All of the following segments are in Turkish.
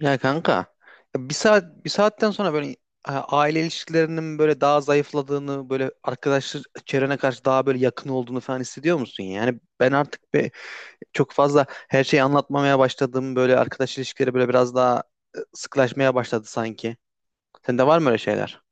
Ya kanka ya bir saat bir saatten sonra böyle aile ilişkilerinin böyle daha zayıfladığını böyle arkadaşlar çevrene karşı daha böyle yakın olduğunu falan hissediyor musun? Yani ben artık çok fazla her şeyi anlatmamaya başladım, böyle arkadaş ilişkileri böyle biraz daha sıklaşmaya başladı sanki. Sende var mı öyle şeyler?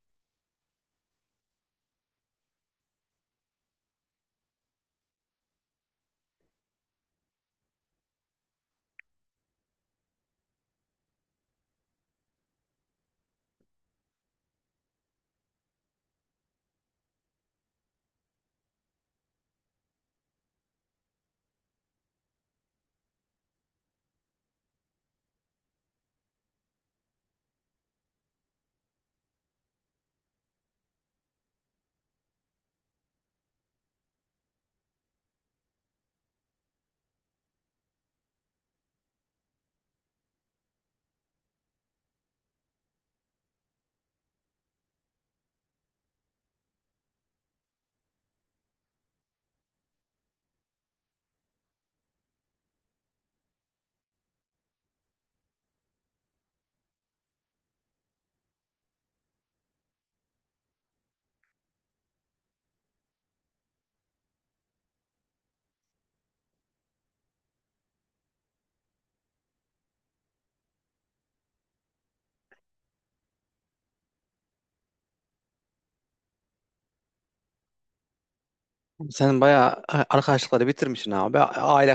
Sen bayağı arkadaşlıkları bitirmişsin abi. Aile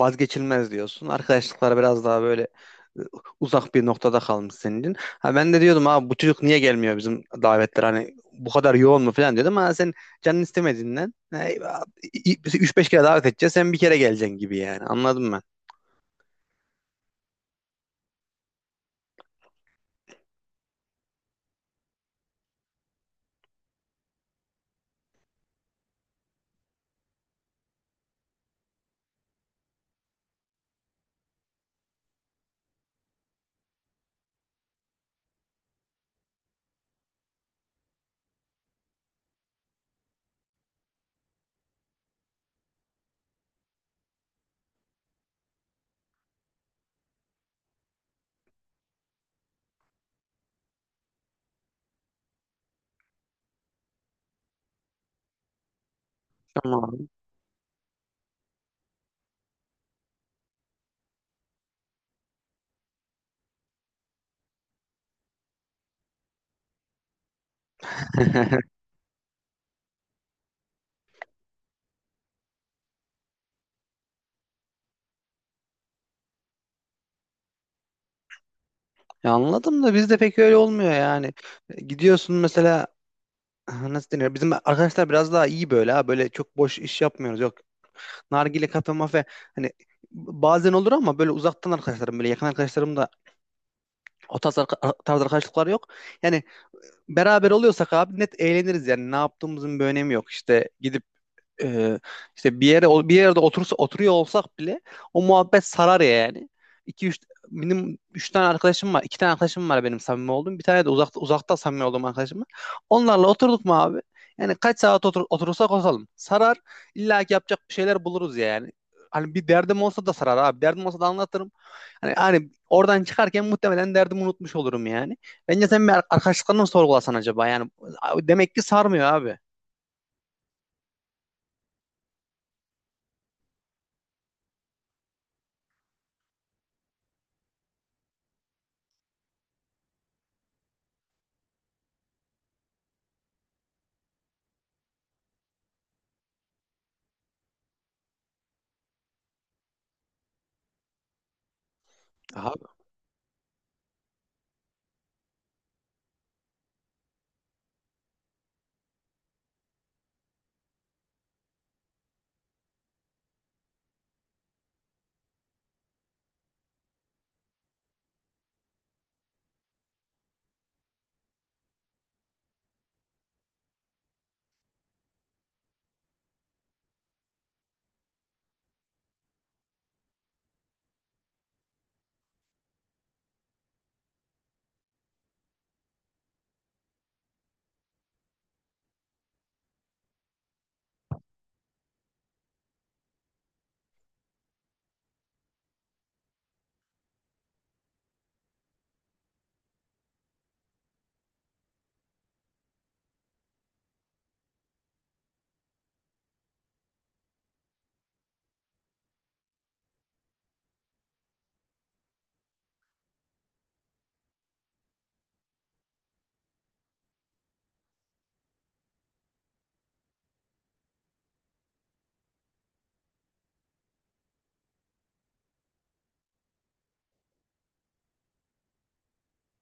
vazgeçilmez diyorsun. Arkadaşlıklar biraz daha böyle e, uzak bir noktada kalmış senin için. Ha, ben de diyordum abi bu çocuk niye gelmiyor bizim davetlere, hani bu kadar yoğun mu falan diyordum, ama sen canın istemediğinden üç beş kere davet edeceğiz, sen bir kere geleceksin gibi. Yani anladım ben. Tamam. Ya anladım da bizde pek öyle olmuyor yani. Gidiyorsun mesela, nasıl deniyor? Bizim arkadaşlar biraz daha iyi böyle, ha. Böyle çok boş iş yapmıyoruz. Yok, nargile kafe mafe, hani bazen olur ama böyle uzaktan arkadaşlarım, böyle yakın arkadaşlarım da tarz arkadaşlıklar yok. Yani beraber oluyorsak abi net eğleniriz yani, ne yaptığımızın bir önemi yok. İşte gidip e, işte bir yere bir yerde otursa oturuyor olsak bile o muhabbet sarar ya yani. İki üç, benim 3 tane arkadaşım var. İki tane arkadaşım var benim samimi olduğum. Bir tane de uzakta samimi olduğum arkadaşım var. Onlarla oturduk mu abi? Yani kaç saat oturursak oturalım. Sarar. İlla ki yapacak bir şeyler buluruz ya yani. Hani bir derdim olsa da sarar abi. Derdim olsa da anlatırım. Hani oradan çıkarken muhtemelen derdimi unutmuş olurum yani. Bence sen bir arkadaşlıklarını mı sorgulasan acaba? Yani demek ki sarmıyor abi. Abi,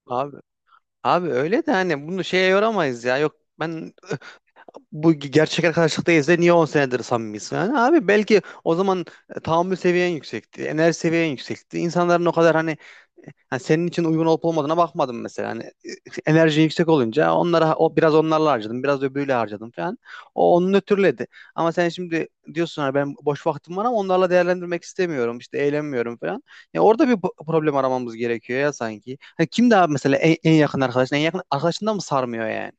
abi. Abi öyle de, hani bunu şeye yoramayız ya. Yok ben, bu gerçek arkadaşlıktayız da niye 10 senedir samimiyiz falan. Abi belki o zaman tahammül seviyen yüksekti, enerji seviyen yüksekti. İnsanların o kadar hani, hani senin için uygun olup olmadığına bakmadım mesela. Hani enerji yüksek olunca onlara, o biraz onlarla harcadım, biraz öbürüyle harcadım falan. O onun ötürüledi. Ama sen şimdi diyorsun hani, ben boş vaktim var ama onlarla değerlendirmek istemiyorum, işte eğlenmiyorum falan. Ya orada bir problem aramamız gerekiyor ya sanki. Hani kim daha mesela en yakın arkadaşın, en yakın arkadaşından mı sarmıyor yani?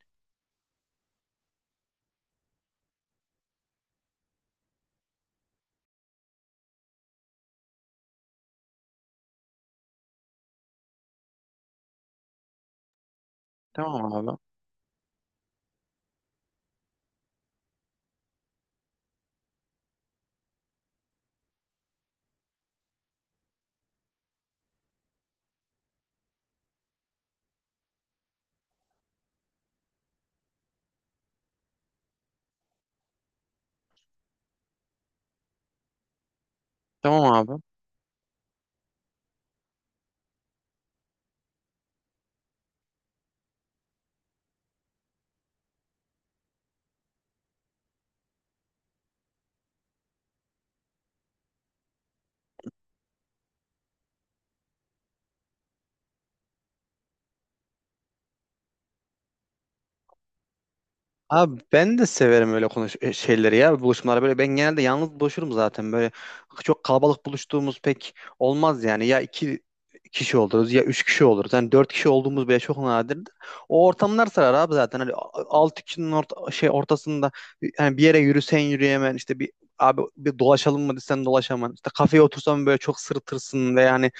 Tamam abi. Tamam abi. Abi ben de severim öyle şeyleri, ya buluşmaları. Böyle ben genelde yalnız buluşurum zaten, böyle çok kalabalık buluştuğumuz pek olmaz yani. Ya iki kişi oluruz ya üç kişi oluruz, yani dört kişi olduğumuz bile çok nadirdir. O ortamlar sarar abi zaten. Hani altı kişinin ortasında yani bir yere yürüsen yürüyemen, işte bir, abi bir dolaşalım mı desen dolaşaman, işte kafeye otursan böyle çok sırıtırsın ve yani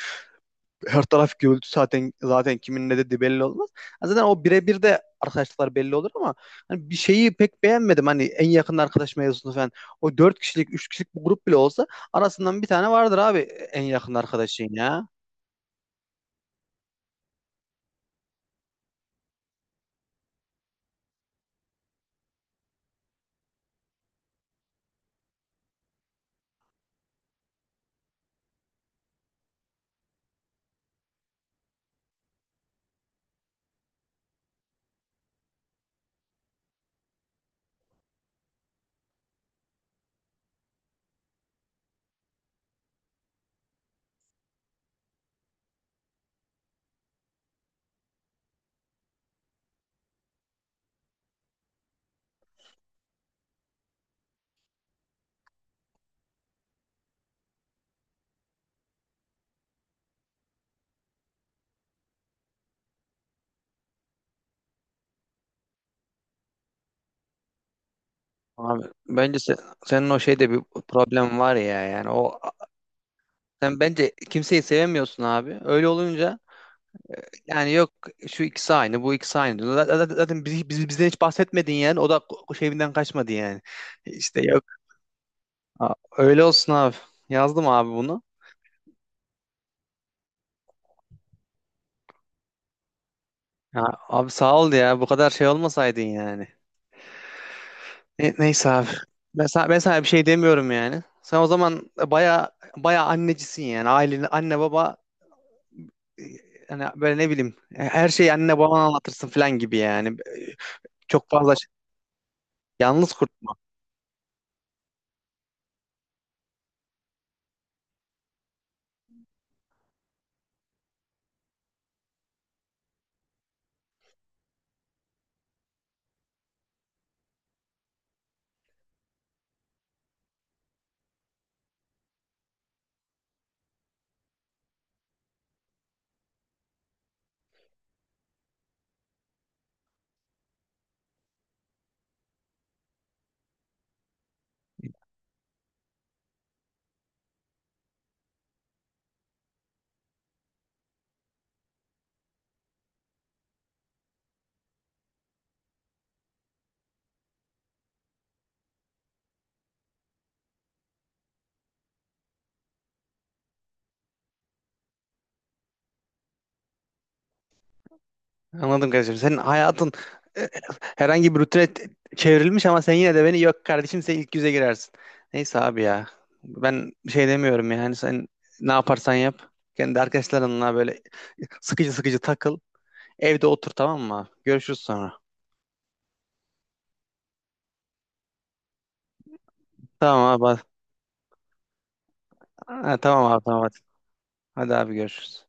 her taraf gürültü, zaten kimin ne dediği belli olmaz. Ha, zaten o birebir de arkadaşlıklar belli olur ama hani bir şeyi pek beğenmedim, hani en yakın arkadaş mevzusunu falan. O dört kişilik, üç kişilik bir grup bile olsa arasından bir tane vardır abi en yakın arkadaşın ya. Abi bence senin o şeyde bir problem var ya yani. O sen bence kimseyi sevemiyorsun abi. Öyle olunca yani, yok şu ikisi aynı bu ikisi aynı. Zaten bizden hiç bahsetmedin yani, o da şeyinden kaçmadı yani. İşte yok. Aa, öyle olsun abi. Yazdım abi bunu. Ya, abi sağ ol ya. Bu kadar şey olmasaydın yani. Neyse abi. Ben sana bir şey demiyorum yani. Sen o zaman baya annecisin yani. Ailenin anne baba, e, hani böyle ne bileyim, her şeyi anne babana anlatırsın falan gibi yani. Çok fazla yalnız kurt. Anladım kardeşim. Senin hayatın, e, herhangi bir rutine çevrilmiş ama sen yine de beni, yok kardeşim sen ilk yüze girersin. Neyse abi ya. Ben bir şey demiyorum yani, sen ne yaparsan yap. Kendi arkadaşlarınla böyle sıkıcı sıkıcı takıl. Evde otur, tamam mı abi? Görüşürüz sonra. Tamam abi. Ha, tamam abi, tamam. Hadi, hadi abi, görüşürüz.